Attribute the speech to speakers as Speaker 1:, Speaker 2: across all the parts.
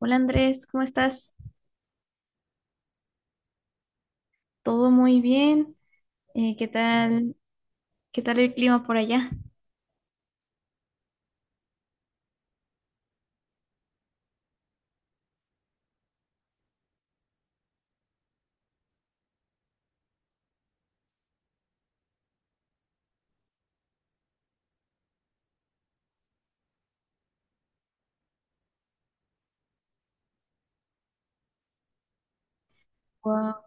Speaker 1: Hola Andrés, ¿cómo estás? Todo muy bien. ¿Qué tal? ¿Qué tal el clima por allá? Wow.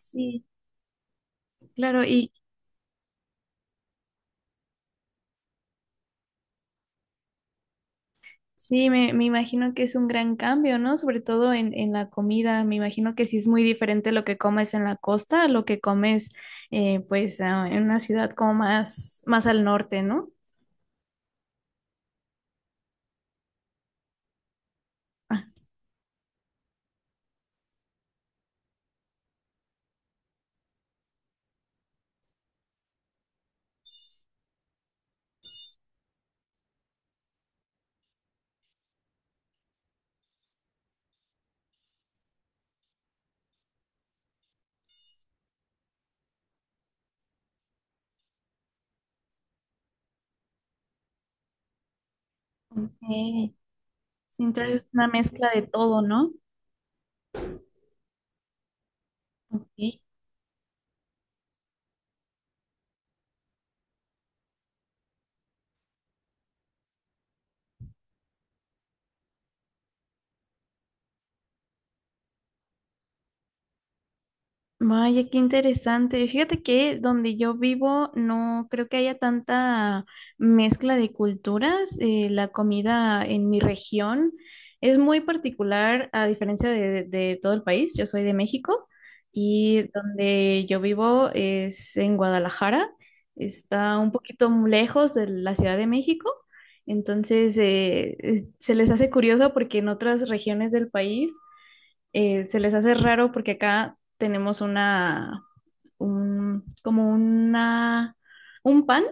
Speaker 1: Sí, claro, y sí, me imagino que es un gran cambio, ¿no? Sobre todo en la comida. Me imagino que sí es muy diferente lo que comes en la costa a lo que comes en una ciudad como más al norte, ¿no? Ah, ok. Sí, entonces es una mezcla de todo, ¿no? Ok. Vaya, qué interesante. Fíjate que donde yo vivo no creo que haya tanta mezcla de culturas. La comida en mi región es muy particular a diferencia de todo el país. Yo soy de México y donde yo vivo es en Guadalajara. Está un poquito lejos de la Ciudad de México. Entonces, se les hace curioso porque en otras regiones del país se les hace raro porque acá tenemos una, un, como una, un pan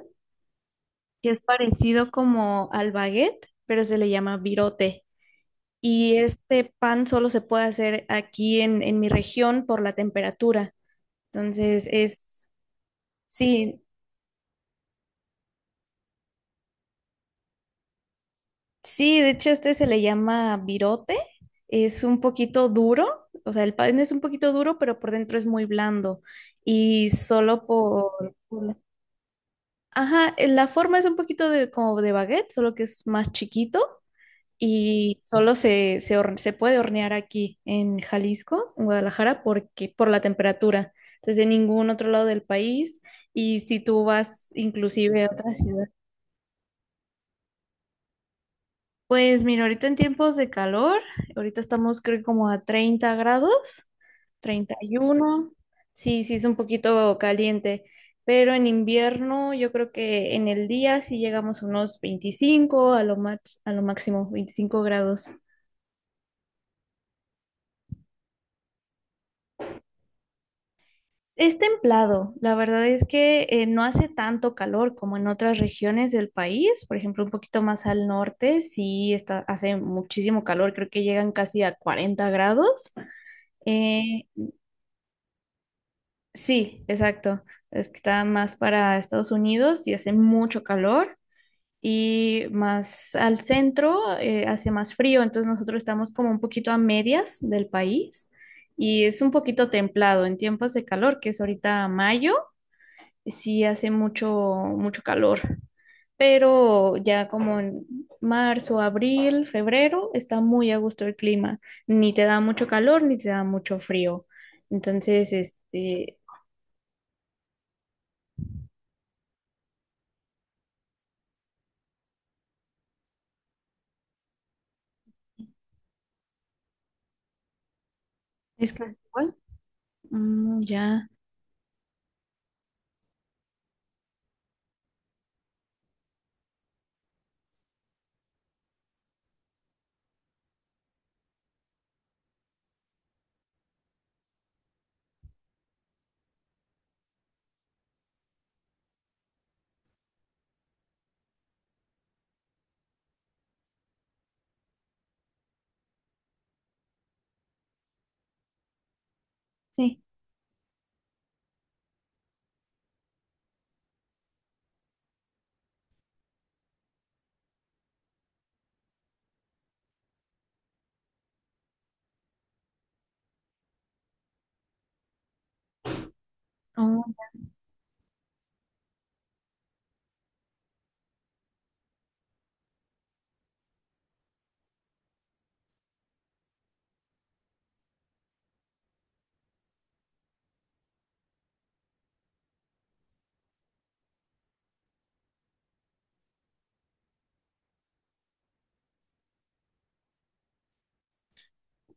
Speaker 1: que es parecido como al baguette, pero se le llama virote. Y este pan solo se puede hacer aquí en mi región por la temperatura. Entonces es, sí, sí, de hecho este se le llama virote. Es un poquito duro, o sea, el pan es un poquito duro, pero por dentro es muy blando. Y solo por, Ajá, la forma es un poquito de, como de baguette, solo que es más chiquito y solo se, se, horne- se puede hornear aquí en Jalisco, en Guadalajara, porque, por la temperatura. Entonces, en ningún otro lado del país. Y si tú vas inclusive a otra ciudad. Pues mira, ahorita en tiempos de calor, ahorita estamos creo que como a 30 grados, 31, sí, sí es un poquito caliente, pero en invierno yo creo que en el día sí llegamos a unos 25 a lo máximo 25 grados. Es templado, la verdad es que no hace tanto calor como en otras regiones del país, por ejemplo, un poquito más al norte, sí está, hace muchísimo calor, creo que llegan casi a 40 grados. Eh, Sí, exacto. Es que está más para Estados Unidos y hace mucho calor y más al centro hace más frío. Entonces nosotros estamos como un poquito a medias del país y es un poquito templado en tiempos de calor, que es ahorita mayo, sí hace mucho calor. Pero ya como en marzo, abril, febrero, está muy a gusto el clima. Ni te da mucho calor ni te da mucho frío. Entonces, este... Es casi igual. Mm, ya. Sí.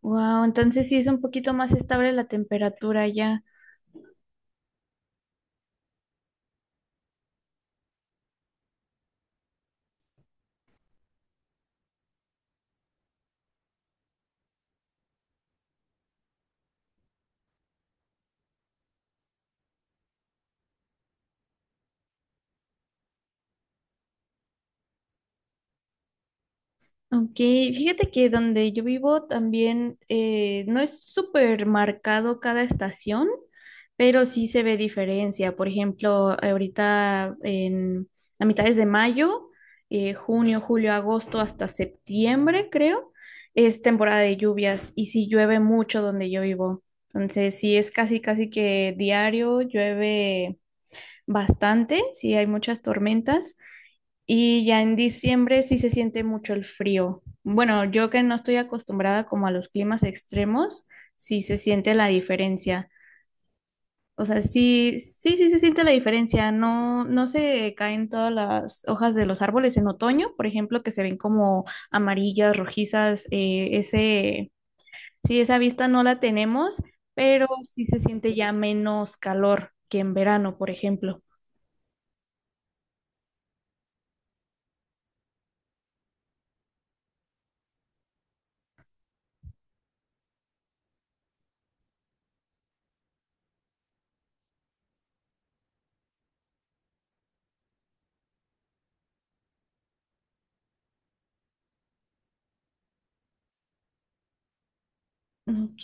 Speaker 1: Wow. Entonces sí es un poquito más estable la temperatura ya. Ok, fíjate que donde yo vivo también no es súper marcado cada estación, pero sí se ve diferencia. Por ejemplo, ahorita en a mitades de mayo, junio, julio, agosto hasta septiembre, creo, es temporada de lluvias y sí llueve mucho donde yo vivo. Entonces, sí es casi, casi que diario llueve. Bastante, sí hay muchas tormentas y ya en diciembre sí se siente mucho el frío. Bueno, yo que no estoy acostumbrada como a los climas extremos, sí se siente la diferencia. O sea, sí, sí, sí se siente la diferencia. No, no se caen todas las hojas de los árboles en otoño, por ejemplo, que se ven como amarillas, rojizas. Sí, esa vista no la tenemos, pero sí se siente ya menos calor que en verano, por ejemplo. Ok.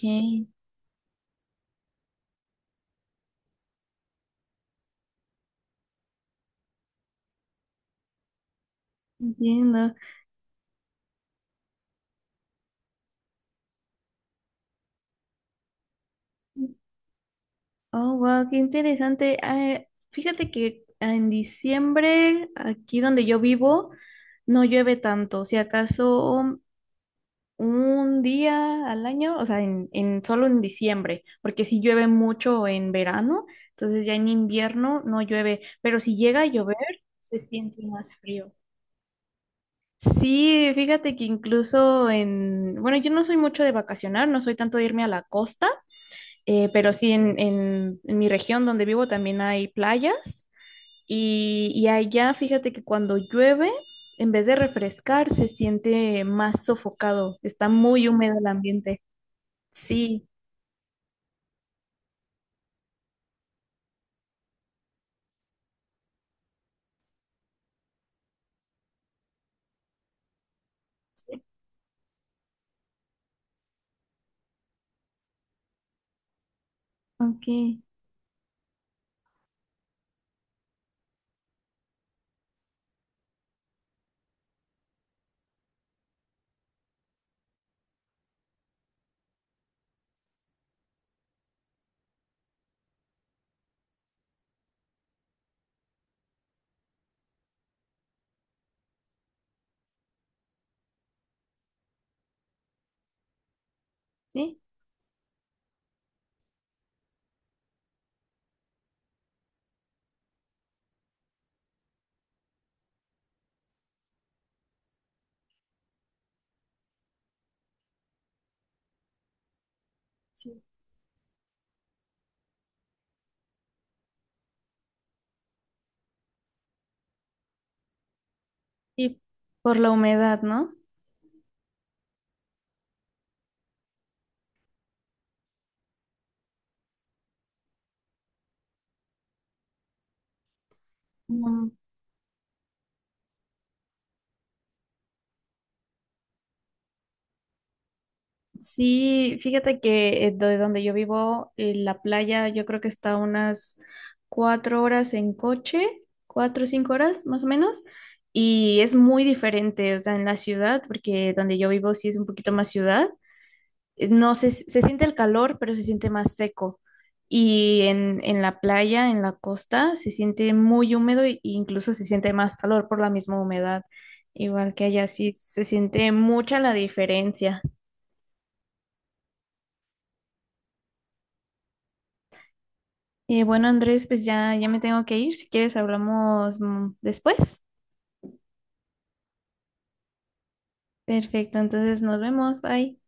Speaker 1: Entiendo. Oh, wow, qué interesante. Ah, fíjate que en diciembre, aquí donde yo vivo, no llueve tanto. Si acaso un día al año, o sea, en solo en diciembre, porque si llueve mucho en verano, entonces ya en invierno no llueve. Pero si llega a llover, se siente más frío. Sí, fíjate que incluso en, bueno, yo no soy mucho de vacacionar, no soy tanto de irme a la costa. Pero sí, en mi región donde vivo también hay playas y allá fíjate que cuando llueve, en vez de refrescar, se siente más sofocado, está muy húmedo el ambiente. Sí, ok, sí, Ok, Sí, sí, por la humedad, ¿no? Mm, sí, fíjate que de donde yo vivo, la playa yo creo que está a unas cuatro horas en coche, cuatro o cinco horas más o menos, y es muy diferente, o sea, en la ciudad, porque donde yo vivo sí es un poquito más ciudad, no se, se siente el calor, pero se siente más seco, y en la playa, en la costa, se siente muy húmedo e incluso se siente más calor por la misma humedad, igual que allá sí se siente mucha la diferencia. Bueno, Andrés, pues ya me tengo que ir. Si quieres, hablamos después. Perfecto, entonces nos vemos. Bye.